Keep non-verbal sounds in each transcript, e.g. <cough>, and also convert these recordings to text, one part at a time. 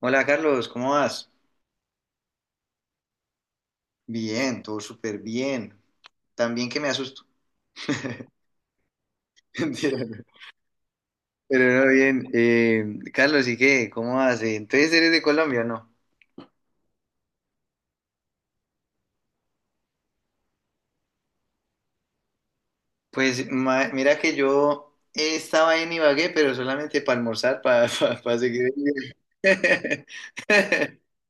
Hola Carlos, ¿cómo vas? Bien, todo súper bien. También que me asusto. <laughs> Mentira, no. Pero no, bien. Carlos, ¿y qué? ¿Cómo vas? Entonces, ¿eres de Colombia o no? Pues mira que yo estaba en Ibagué, pero solamente para almorzar, para <laughs> seguir el viaje. <laughs>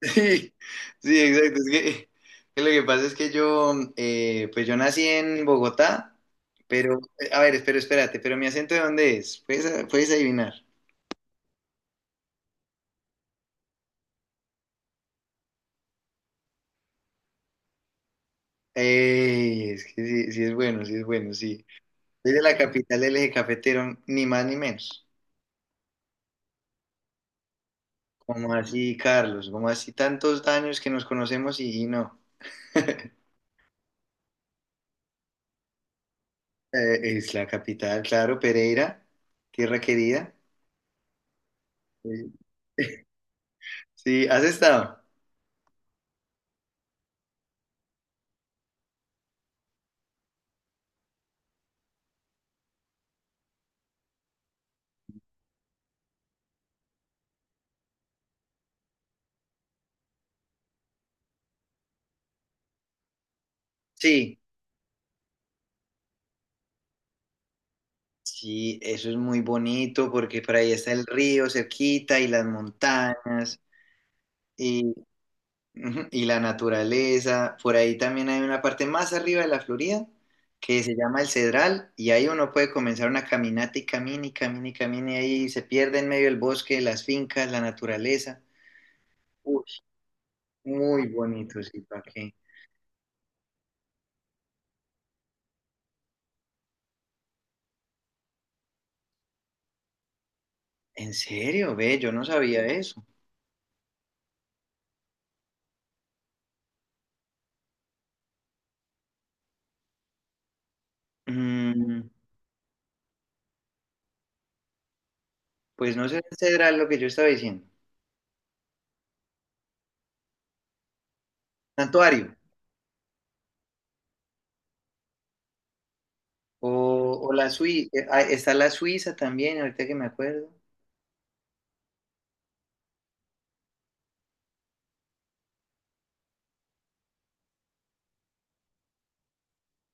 Sí, sí, exacto. Es que lo que pasa es que yo, pues yo nací en Bogotá, pero, a ver, espérate, pero mi acento, ¿de dónde es? Puedes adivinar. Ey, es que sí, sí es bueno, sí es bueno, sí. Desde la capital del eje cafetero, ni más ni menos. Como así, Carlos? Como así tantos años que nos conocemos y no? Es la capital, claro, Pereira, tierra querida. Sí, sí, ¿has estado? Sí. Sí, eso es muy bonito porque por ahí está el río cerquita y las montañas. Ujú, y la naturaleza, por ahí también hay una parte más arriba de La Florida que se llama el Cedral, y ahí uno puede comenzar una caminata y camina y camina y camina, y ahí se pierde en medio del bosque, las fincas, la naturaleza. Uy, muy bonito, sí, ¿para qué? ¿En serio? Ve, yo no sabía eso. Mm, pues no sé, el Cedral, lo que yo estaba diciendo. Santuario, o La Suiza, está La Suiza también, ahorita que me acuerdo.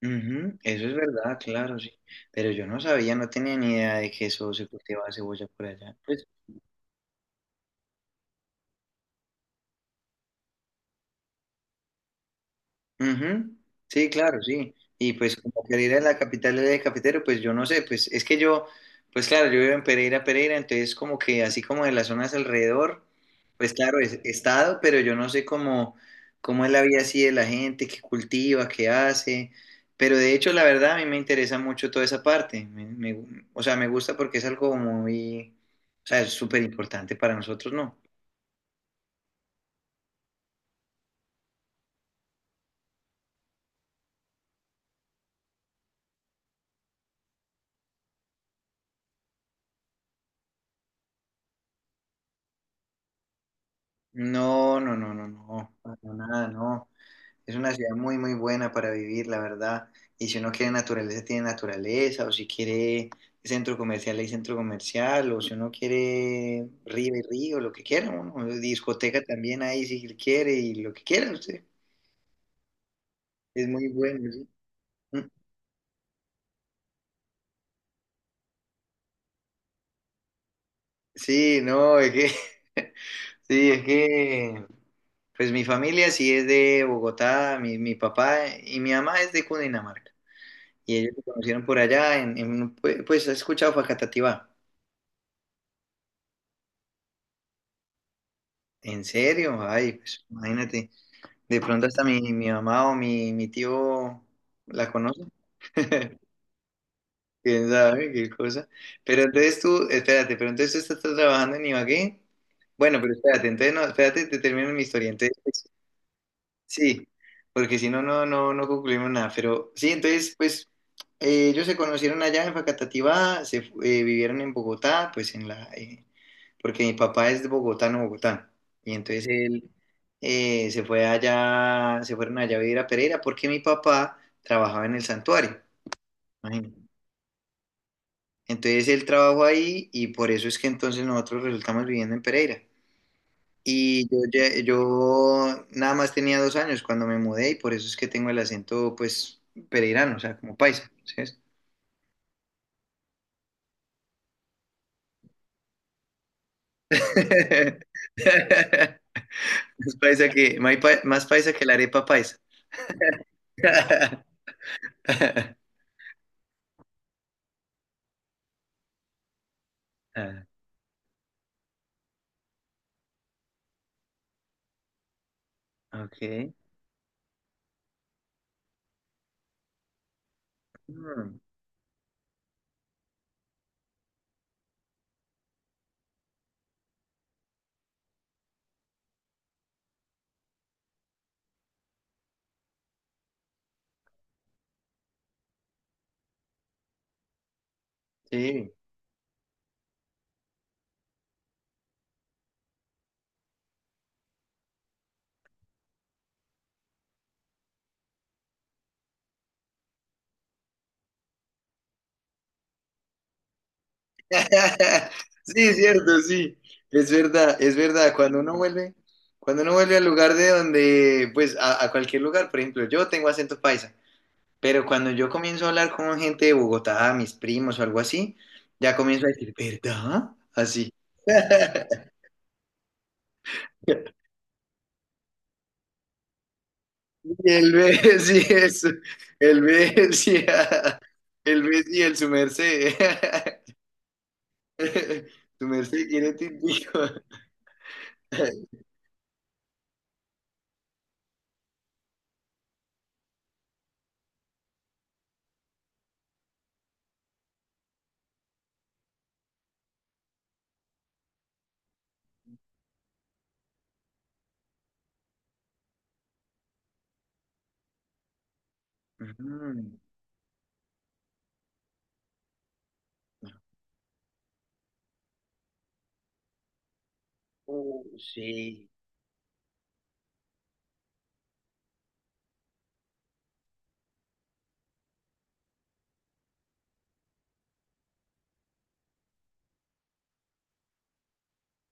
Ujú. Eso es verdad, claro, sí. Pero yo no sabía, no tenía ni idea de que eso se cultivaba cebolla por allá. Pues. Ujú. Sí, claro, sí. Y pues como Pereira es la capital del eje cafetero, pues yo no sé, pues es que yo, pues claro, yo vivo en Pereira, Pereira, entonces como que así como de las zonas alrededor, pues claro, he estado, pero yo no sé cómo, cómo es la vida así de la gente, qué cultiva, qué hace. Pero de hecho, la verdad, a mí me interesa mucho toda esa parte. O sea, me gusta porque es algo muy, o sea, es súper importante para nosotros, ¿no? No, no, no, no, no, para nada, no. Es una ciudad muy, muy buena para vivir, la verdad. Y si uno quiere naturaleza, tiene naturaleza, o si quiere centro comercial, hay centro comercial, o si uno quiere río, hay río, lo que quiera, uno. O discoteca también ahí, si quiere, y lo que quiera usted. Es muy bueno, sí. Mm. Sí, no, es que, <laughs> sí, es que, pues mi familia sí es de Bogotá, mi papá y mi mamá es de Cundinamarca. Y ellos se conocieron por allá, en un pues, ¿has escuchado Facatativá? ¿En serio? Ay, pues imagínate. De pronto hasta mi mamá o mi tío la conoce. <laughs> ¿Quién sabe qué cosa? Pero entonces tú, espérate, pero entonces tú estás trabajando en Ibagué. Bueno, pero espérate, entonces no, espérate, te termino mi historia. Entonces, sí, porque si no, no, no, no concluimos nada. Pero sí, entonces, pues ellos se conocieron allá en Facatativá, vivieron en Bogotá, pues porque mi papá es de bogotano, Bogotá. Y entonces él se fueron allá a vivir a Pereira porque mi papá trabajaba en el Santuario. Imagínate. Entonces él trabajó ahí y por eso es que entonces nosotros resultamos viviendo en Pereira. Y yo nada más tenía 2 años cuando me mudé, y por eso es que tengo el acento, pues, pereirano, o sea, como paisa, ¿sabes? <laughs> Más paisa que la arepa paisa. <laughs> Ah, ok. Mm, sí. <laughs> Sí, es cierto, sí. Es verdad, es verdad. Cuando uno vuelve al lugar de donde, pues, a cualquier lugar, por ejemplo, yo tengo acento paisa. Pero cuando yo comienzo a hablar con gente de Bogotá, mis primos o algo así, ya comienzo a decir, ¿verdad? Así. <laughs> Y el B, <laughs> sí, eso. El B, <laughs> sí. El B, sí, el su merced. <laughs> Su merced quiere tintico. <laughs> Mm. Oh, sí.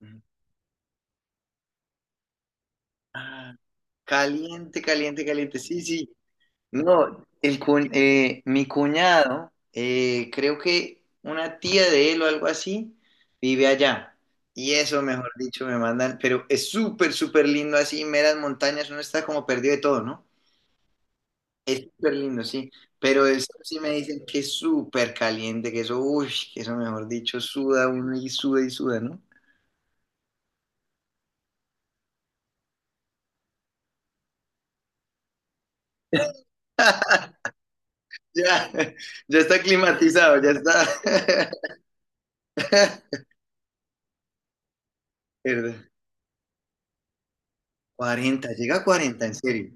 Mm. Ah, caliente, caliente, caliente. Sí, sí. No, el mi cuñado, creo que una tía de él o algo así, vive allá. Y eso, mejor dicho, me mandan, pero es súper, súper lindo así, meras montañas, uno está como perdido de todo, ¿no? Es súper lindo, sí. Pero eso sí me dicen que es súper caliente, que eso, uy, que eso, mejor dicho, suda uno y suda, ¿no? Ya, <laughs> ya está climatizado, ya está. <laughs> Perdón. 40, llega a 40, en serio.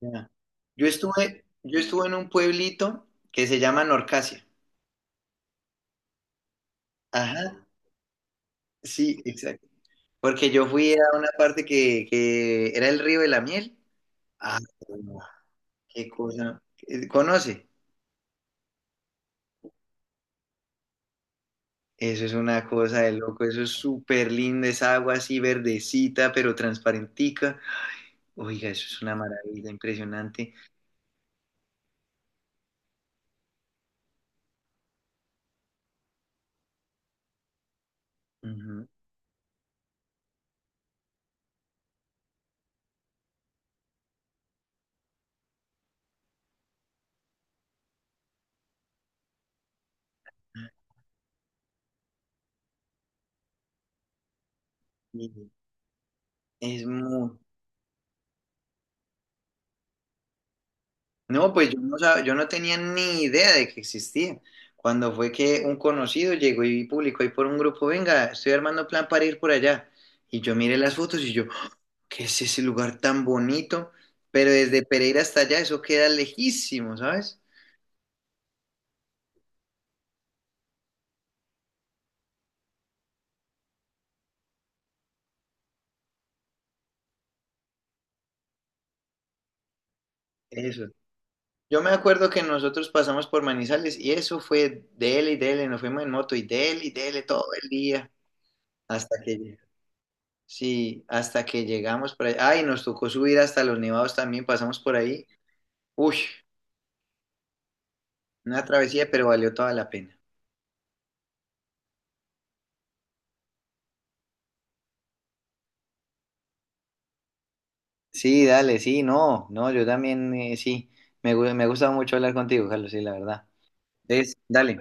Ya. Yo estuve en un pueblito que se llama Norcasia. Ajá, sí, exacto. Porque yo fui a una parte que era el río de la Miel. Ah, no, qué cosa. ¿Conoce? Eso es una cosa de loco, eso es súper lindo, esa agua así verdecita, pero transparentica. Oiga, eso es una maravilla impresionante. Ujú. Y es muy, No, pues yo no tenía ni idea de que existía. Cuando fue que un conocido llegó y publicó ahí por un grupo, venga, estoy armando plan para ir por allá. Y yo miré las fotos y yo, ¡ah!, ¿qué es ese lugar tan bonito? Pero desde Pereira hasta allá eso queda lejísimo, ¿sabes? Eso. Yo me acuerdo que nosotros pasamos por Manizales y eso fue dele y dele, nos fuimos en moto y dele todo el día hasta que sí, hasta que llegamos por ahí. Ay, nos tocó subir hasta los nevados también, pasamos por ahí. Uy, una travesía, pero valió toda la pena. Sí, dale, sí, no, no, yo también sí. Me gusta mucho hablar contigo, Carlos, sí, la verdad. Dale,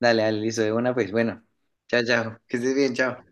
dale, dale, listo, de una, pues bueno. Chao, chao, que estés bien, chao.